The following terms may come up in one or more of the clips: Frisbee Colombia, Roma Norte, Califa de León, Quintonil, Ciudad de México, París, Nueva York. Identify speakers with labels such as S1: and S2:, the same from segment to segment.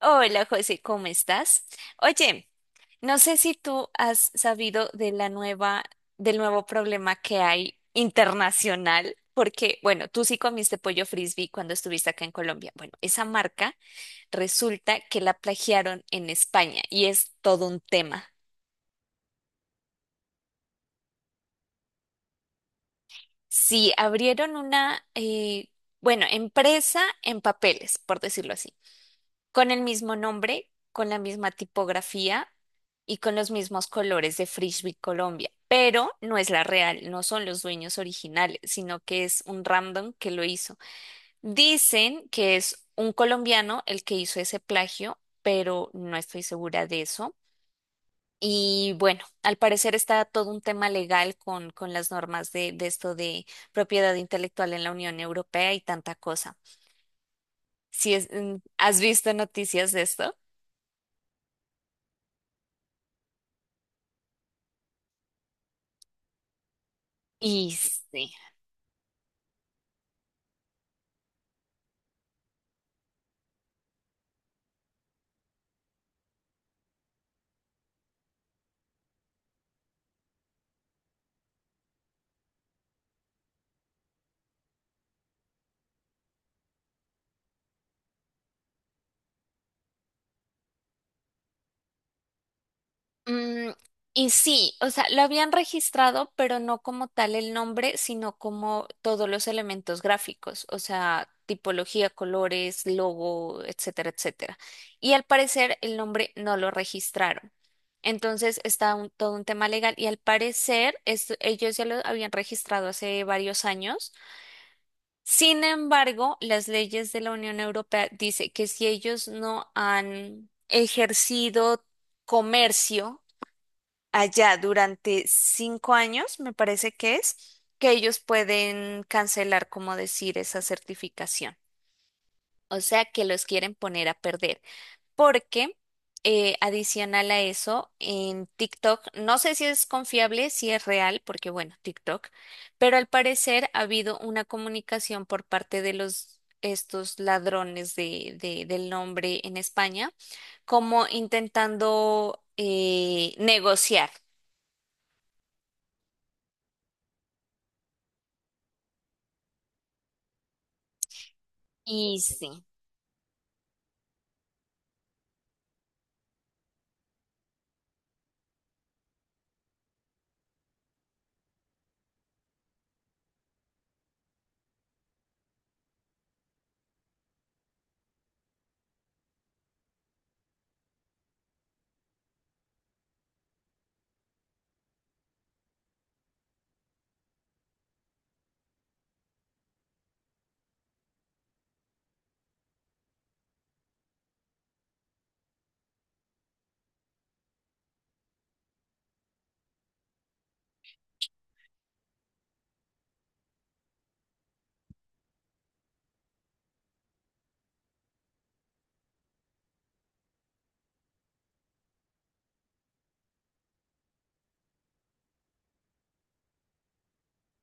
S1: Hola José, ¿cómo estás? Oye, no sé si tú has sabido de la nueva, del nuevo problema que hay internacional, porque, bueno, tú sí comiste pollo frisbee cuando estuviste acá en Colombia. Bueno, esa marca resulta que la plagiaron en España y es todo un tema. Sí, abrieron una, bueno, empresa en papeles, por decirlo así. Con el mismo nombre, con la misma tipografía y con los mismos colores de Frisbee Colombia, pero no es la real, no son los dueños originales, sino que es un random que lo hizo. Dicen que es un colombiano el que hizo ese plagio, pero no estoy segura de eso. Y bueno, al parecer está todo un tema legal con las normas de esto de propiedad intelectual en la Unión Europea y tanta cosa. Si es, ¿has visto noticias de esto? Y sí. Mm, y sí, o sea, lo habían registrado, pero no como tal el nombre, sino como todos los elementos gráficos, o sea, tipología, colores, logo, etcétera, etcétera. Y al parecer el nombre no lo registraron. Entonces está todo un tema legal y al parecer ellos ya lo habían registrado hace varios años. Sin embargo, las leyes de la Unión Europea dice que si ellos no han ejercido comercio, allá durante 5 años, me parece que es, que ellos pueden cancelar, como decir, esa certificación. O sea, que los quieren poner a perder. Porque, adicional a eso, en TikTok, no sé si es confiable, si es real, porque bueno, TikTok, pero al parecer ha habido una comunicación por parte de los... estos ladrones de, del nombre en España, como intentando negociar. Y sí.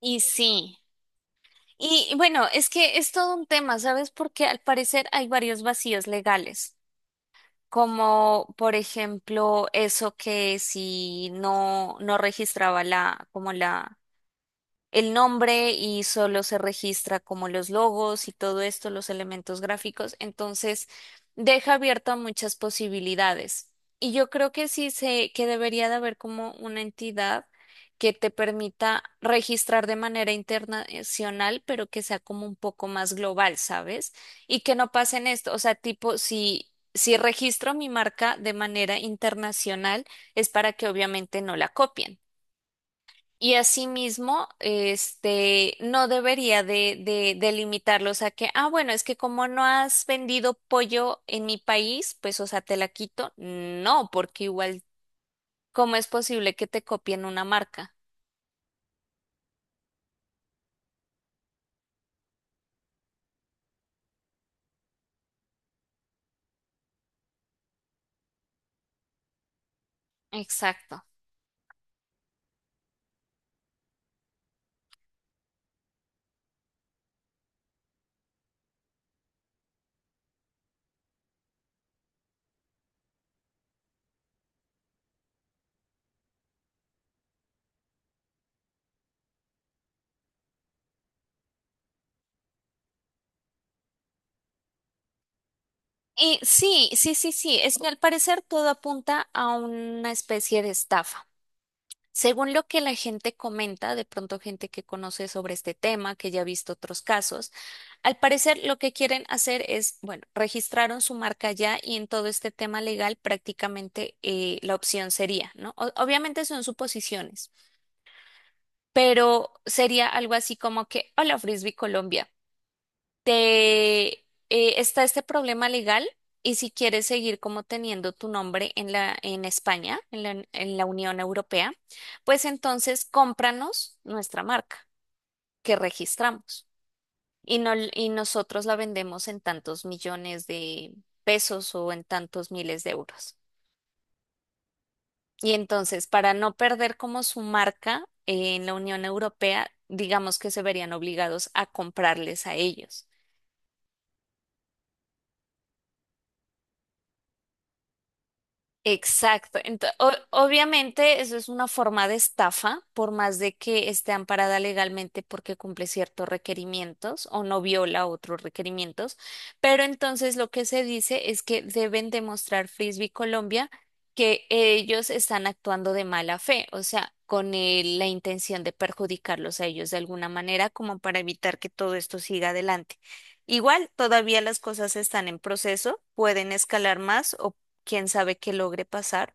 S1: Y sí, y bueno, es que es todo un tema, ¿sabes? Porque al parecer hay varios vacíos legales, como por ejemplo eso que si no, no registraba la, como la el nombre y solo se registra como los logos y todo esto, los elementos gráficos. Entonces, deja abierto a muchas posibilidades. Y yo creo que sí se, que debería de haber como una entidad que te permita registrar de manera internacional, pero que sea como un poco más global, ¿sabes? Y que no pasen esto, o sea, tipo, si, si registro mi marca de manera internacional, es para que obviamente no la copien. Y asimismo, este, no debería de limitarlos a que, ah, bueno, es que como no has vendido pollo en mi país, pues, o sea, te la quito. No, porque igual, ¿cómo es posible que te copien una marca? Exacto. Y sí, es que al parecer todo apunta a una especie de estafa. Según lo que la gente comenta, de pronto gente que conoce sobre este tema, que ya ha visto otros casos, al parecer lo que quieren hacer es, bueno, registraron su marca ya y en todo este tema legal prácticamente la opción sería, ¿no? Obviamente son suposiciones, pero sería algo así como que, hola Frisbee Colombia te está este problema legal y si quieres seguir como teniendo tu nombre en la en España, en la Unión Europea, pues entonces cómpranos nuestra marca que registramos y no y nosotros la vendemos en tantos millones de pesos o en tantos miles de euros. Y entonces, para no perder como su marca en la Unión Europea, digamos que se verían obligados a comprarles a ellos. Exacto. Obviamente eso es una forma de estafa, por más de que esté amparada legalmente porque cumple ciertos requerimientos o no viola otros requerimientos, pero entonces lo que se dice es que deben demostrar Frisbee Colombia que ellos están actuando de mala fe, o sea, con la intención de perjudicarlos a ellos de alguna manera como para evitar que todo esto siga adelante. Igual, todavía las cosas están en proceso, pueden escalar más o quién sabe qué logre pasar.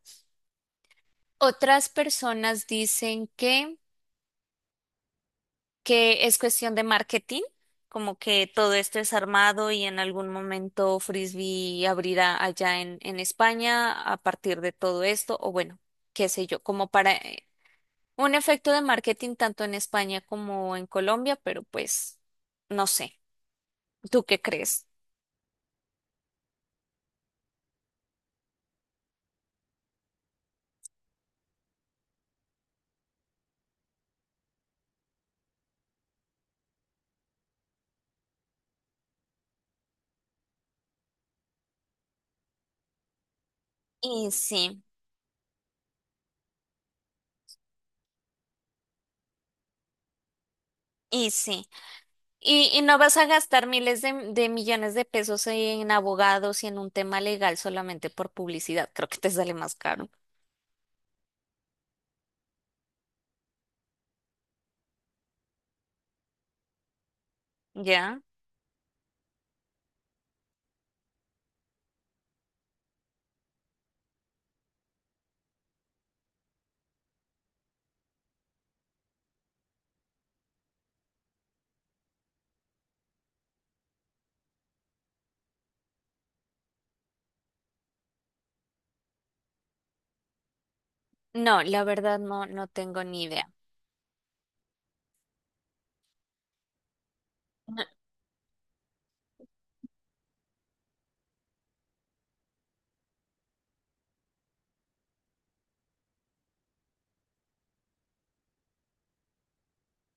S1: Otras personas dicen que es cuestión de marketing, como que todo esto es armado y en algún momento Frisbee abrirá allá en España a partir de todo esto, o bueno, qué sé yo, como para un efecto de marketing tanto en España como en Colombia, pero pues no sé, ¿tú qué crees? Y sí, y sí. Y no vas a gastar miles de millones de pesos en abogados y en un tema legal solamente por publicidad. Creo que te sale más caro. ¿Ya? No, la verdad no, no tengo ni idea. No.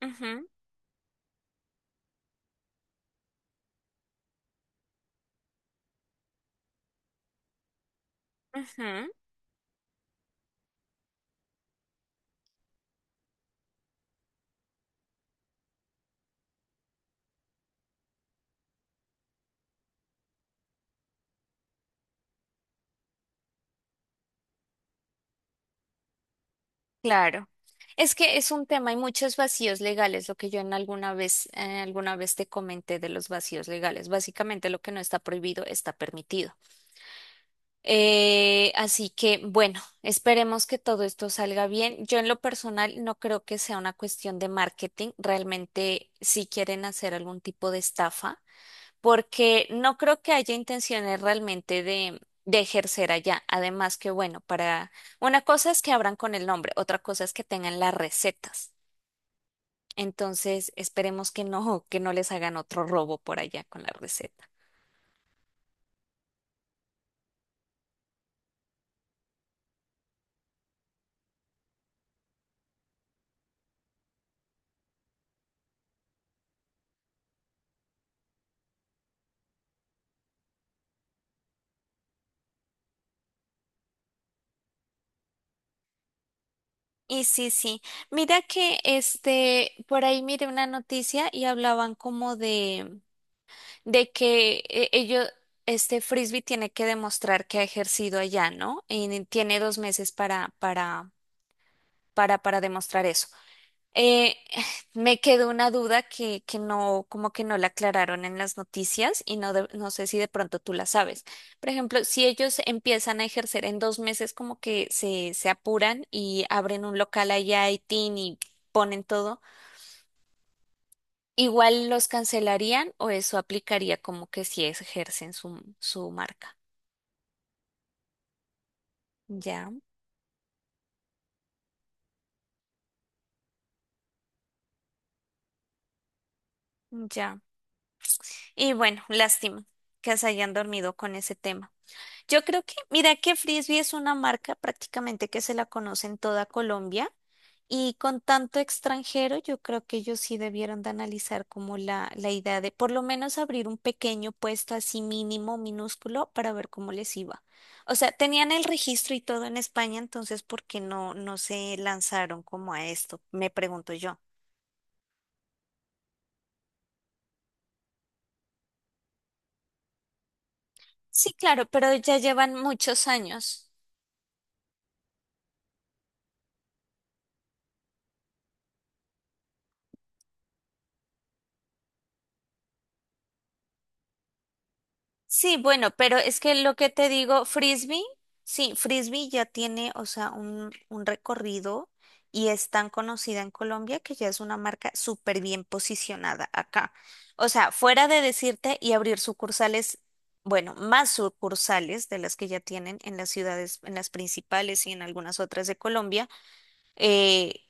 S1: Ujú, ujú, claro. Es que es un tema, hay muchos vacíos legales, lo que yo en alguna vez te comenté de los vacíos legales. Básicamente lo que no está prohibido está permitido. Así que bueno, esperemos que todo esto salga bien. Yo en lo personal no creo que sea una cuestión de marketing. Realmente si quieren hacer algún tipo de estafa, porque no creo que haya intenciones realmente de ejercer allá. Además que bueno, para una cosa es que abran con el nombre, otra cosa es que tengan las recetas. Entonces, esperemos que no les hagan otro robo por allá con la receta. Y sí, sí. Mira que este, por ahí miré una noticia y hablaban como de que ellos, este Frisbee tiene que demostrar que ha ejercido allá, ¿no? Y tiene 2 meses para demostrar eso. Eh, me quedó una duda que no, como que no la aclararon en las noticias y no, no sé si de pronto tú la sabes. Por ejemplo, si ellos empiezan a ejercer en 2 meses, como que se apuran y abren un local allá y tin y ponen todo, ¿igual los cancelarían o eso aplicaría como que si ejercen su, su marca? Ya, ya. Y bueno, lástima que se hayan dormido con ese tema. Yo creo que, mira que Frisbee es una marca prácticamente que se la conoce en toda Colombia y con tanto extranjero yo creo que ellos sí debieron de analizar como la idea de por lo menos abrir un pequeño puesto así mínimo, minúsculo, para ver cómo les iba. O sea, tenían el registro y todo en España, entonces ¿por qué no, no se lanzaron como a esto? Me pregunto yo. Sí, claro, pero ya llevan muchos años. Sí, bueno, pero es que lo que te digo, Frisbee, sí, Frisbee ya tiene, o sea, un recorrido y es tan conocida en Colombia que ya es una marca súper bien posicionada acá. O sea, fuera de decirte y abrir sucursales, bueno, más sucursales de las que ya tienen en las ciudades, en las principales y en algunas otras de Colombia, eh,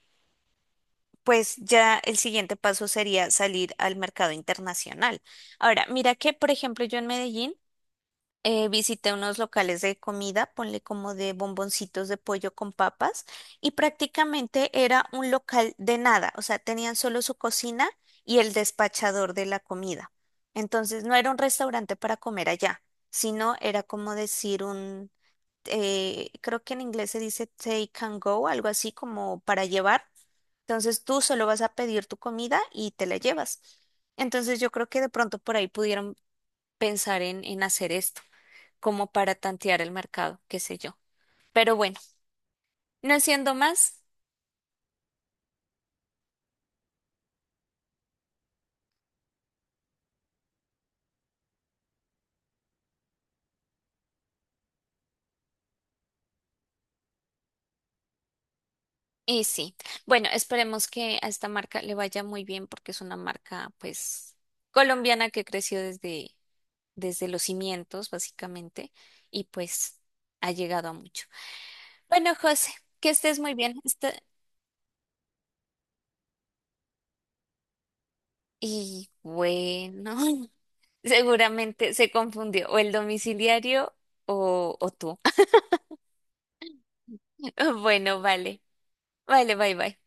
S1: pues ya el siguiente paso sería salir al mercado internacional. Ahora, mira que, por ejemplo, yo en Medellín, visité unos locales de comida, ponle como de bomboncitos de pollo con papas, y prácticamente era un local de nada, o sea, tenían solo su cocina y el despachador de la comida. Entonces no era un restaurante para comer allá, sino era como decir un, creo que en inglés se dice take and go, algo así como para llevar. Entonces tú solo vas a pedir tu comida y te la llevas. Entonces yo creo que de pronto por ahí pudieron pensar en hacer esto, como para tantear el mercado, qué sé yo. Pero bueno, no siendo más, y sí. Bueno, esperemos que a esta marca le vaya muy bien porque es una marca, pues, colombiana que creció desde, desde los cimientos, básicamente, y pues ha llegado a mucho. Bueno, José, que estés muy bien. Esta- Y bueno, seguramente se confundió o el domiciliario o tú. Bueno, vale. Vale, bye, bye.